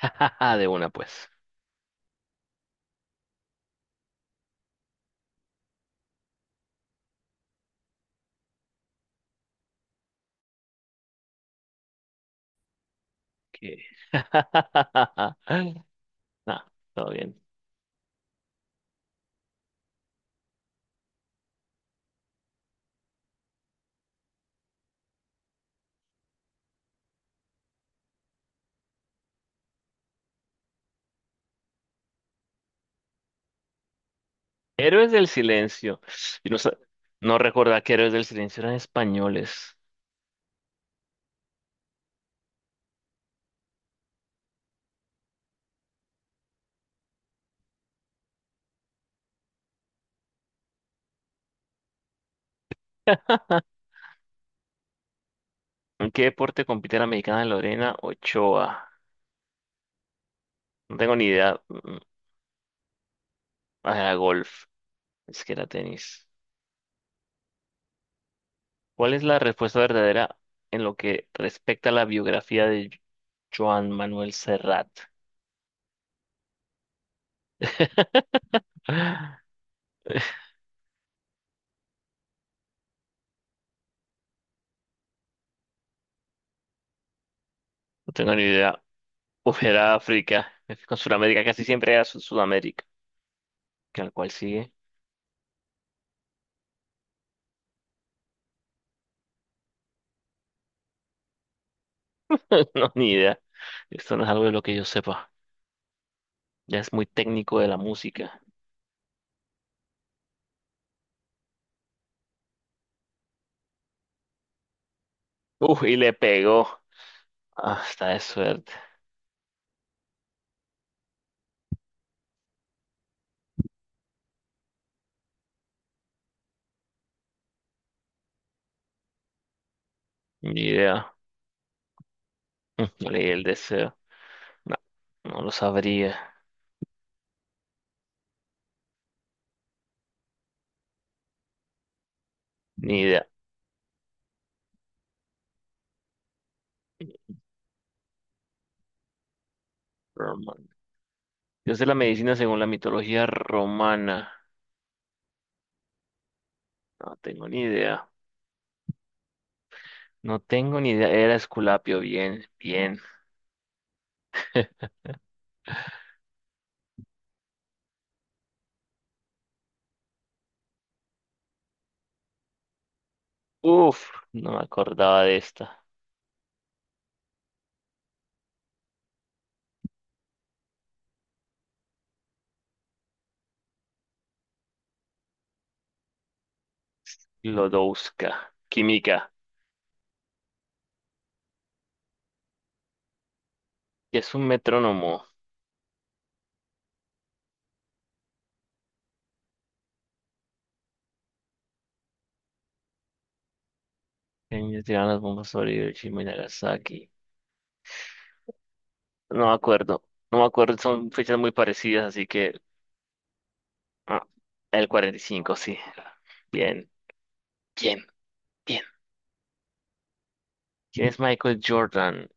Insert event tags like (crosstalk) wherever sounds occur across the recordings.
(laughs) De una, pues. Que- (laughs) No, todo bien. Héroes del Silencio. Y no, sa- no recordaba que Héroes del Silencio eran españoles. (laughs) ¿En qué deporte compite la mexicana Lorena Ochoa? No tengo ni idea. Ah, golf. Es que era tenis. ¿Cuál es la respuesta verdadera en lo que respecta a la biografía de Joan Manuel Serrat? (laughs) No tengo ni idea. Uf, era África. Con Sudamérica casi siempre era Sudamérica. Que al cual sigue. (laughs) No, ni idea. Esto no es algo de lo que yo sepa. Ya es muy técnico de la música. Uf, y le pegó. Ah, está de suerte. Ni idea. No leí el deseo. No, no lo sabría. Ni idea. Romano. Dios de la medicina según la mitología romana. No tengo ni idea. No tengo ni idea. Era Esculapio. Bien, bien. (laughs) Uf, no me acordaba de esta. Lodowska. Química. Que es un metrónomo. Ellos tiraron las bombas sobre Hiroshima y Nagasaki. No me acuerdo. No me acuerdo, son fechas muy parecidas, así que ah, el 45, sí. Bien, bien, bien. ¿Quién es Michael Jordan?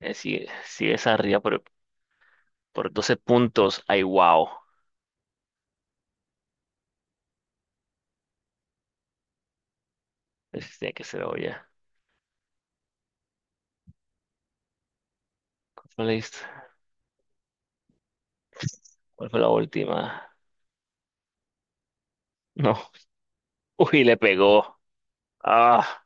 Sigue, sigue esa arriba por 12 puntos. Ay, wow. Ese tiene que ser obvia. ¿Cuál fue la, hist- ¿Cuál fue la última? No. Uy, le pegó. Ah.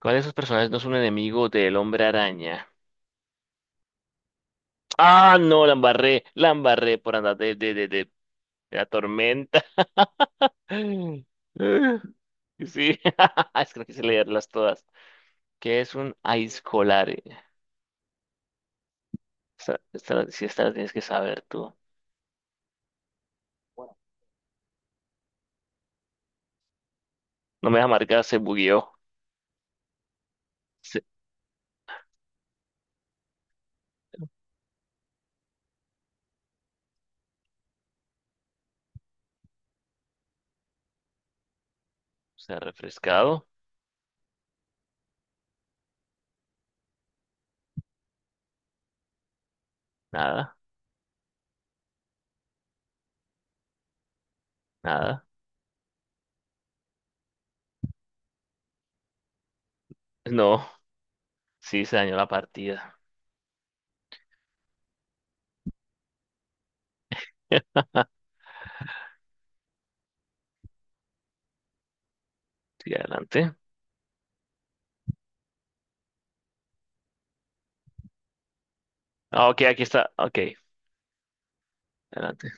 ¿Cuál de esos personajes no es un enemigo del Hombre Araña? Ah, no, la embarré por andar de la tormenta. (laughs) Sí, (laughs) es que no quise leerlas todas. ¿Qué es un aizcolare? Sí, esta la tienes que saber tú. Bueno, no me deja marcar, se bugueó. Se, Se ha refrescado. Nada, nada. No, sí, se dañó la partida. (laughs) Sí, adelante. Ah, ok, aquí está. Ok, adelante.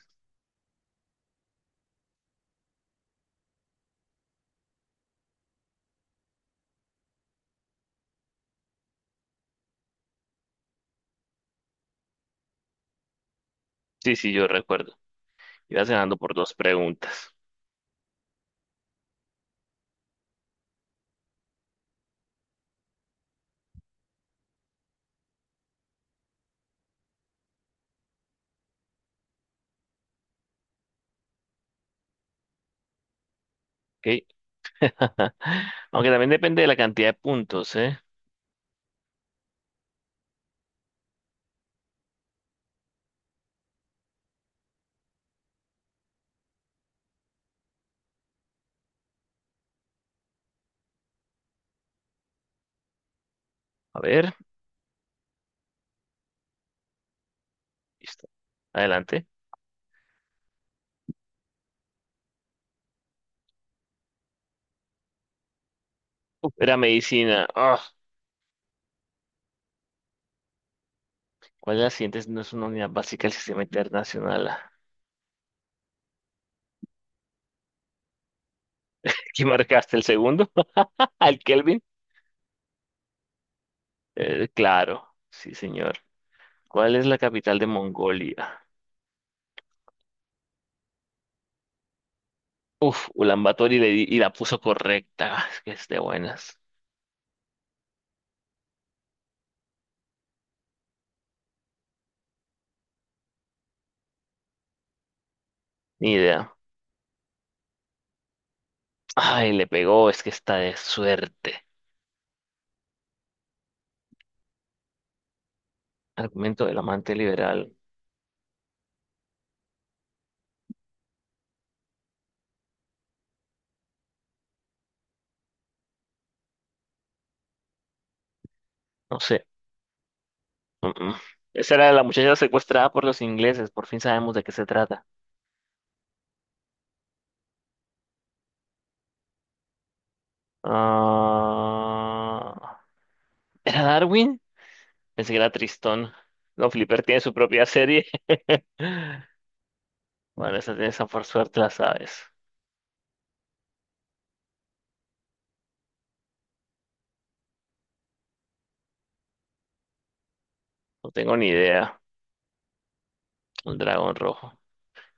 Sí, sí, yo recuerdo. Ibas ganando por dos preguntas. Ok. (laughs) Aunque también depende de la cantidad de puntos, ¿eh? A ver, listo. Adelante. Uf, era medicina. Ah, ¿cuál de las siguientes no es una unidad básica del sistema internacional? (laughs) ¿Aquí marcaste el segundo? (laughs) ¿Al Kelvin? Claro, sí, señor. ¿Cuál es la capital de Mongolia? Uf, Ulaanbaatar y, y la puso correcta. Es que es de buenas. Ni idea. Ay, le pegó, es que está de suerte. Argumento del amante liberal. No sé. Uh-uh. Esa era la muchacha secuestrada por los ingleses, por fin sabemos de qué se trata. Ah, ¿era Darwin? Pensé que era Tristón. No, Flipper tiene su propia serie. (laughs) Bueno, esa por suerte la sabes. No tengo ni idea. Un dragón rojo.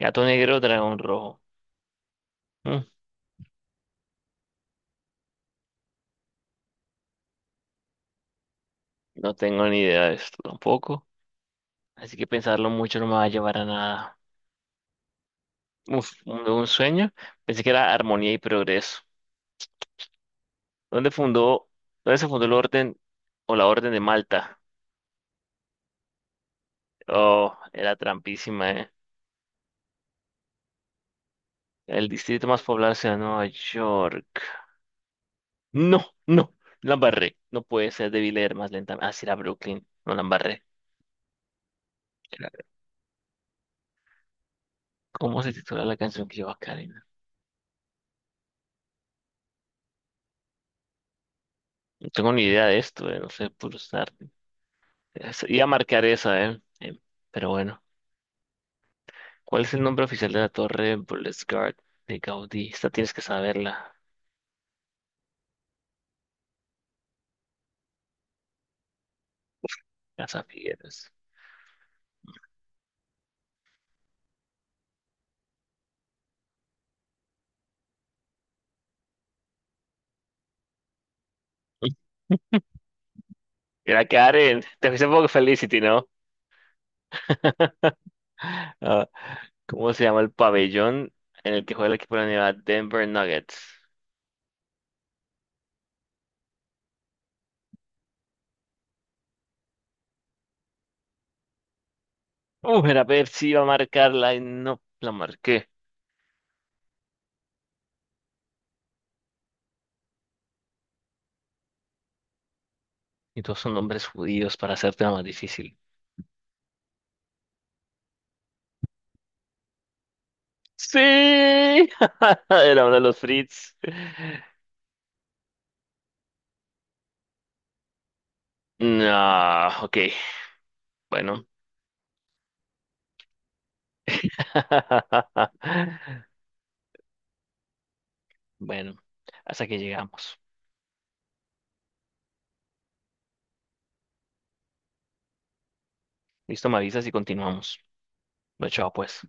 Gato negro, dragón rojo. Mm, No tengo ni idea de esto tampoco. Así que pensarlo mucho no me va a llevar a nada. Uf, un sueño. Pensé que era armonía y progreso. ¿Dónde fundó, ¿Dónde se fundó el orden o la Orden de Malta? Oh, era trampísima, ¿eh? El distrito más poblado sea Nueva York. No, no, la embarré. No puede ser, debí leer más lentamente. Ah, sí, era Brooklyn, no la embarré. Era- ¿Cómo se titula la canción que lleva Karina? No tengo ni idea de esto, no sé pulsar. Iba a marcar esa, ¿eh? Pero bueno. ¿Cuál es el nombre oficial de la torre Burles Gard de Gaudí? Esta tienes que saberla. Casa Figueres. Era quedar en, te fuiste por Felicity, ¿no? (laughs) Ah, ¿cómo se llama el pabellón en el que juega el equipo de la Universidad Denver Nuggets? Era Pepsi, iba a marcarla y no la marqué. Y todos son nombres judíos para hacerte más difícil. ¡Sí! (laughs) Era uno de los Fritz. No, ok, bueno. (laughs) Bueno, hasta que llegamos. Listo, me avisas y continuamos. Lo chao, pues.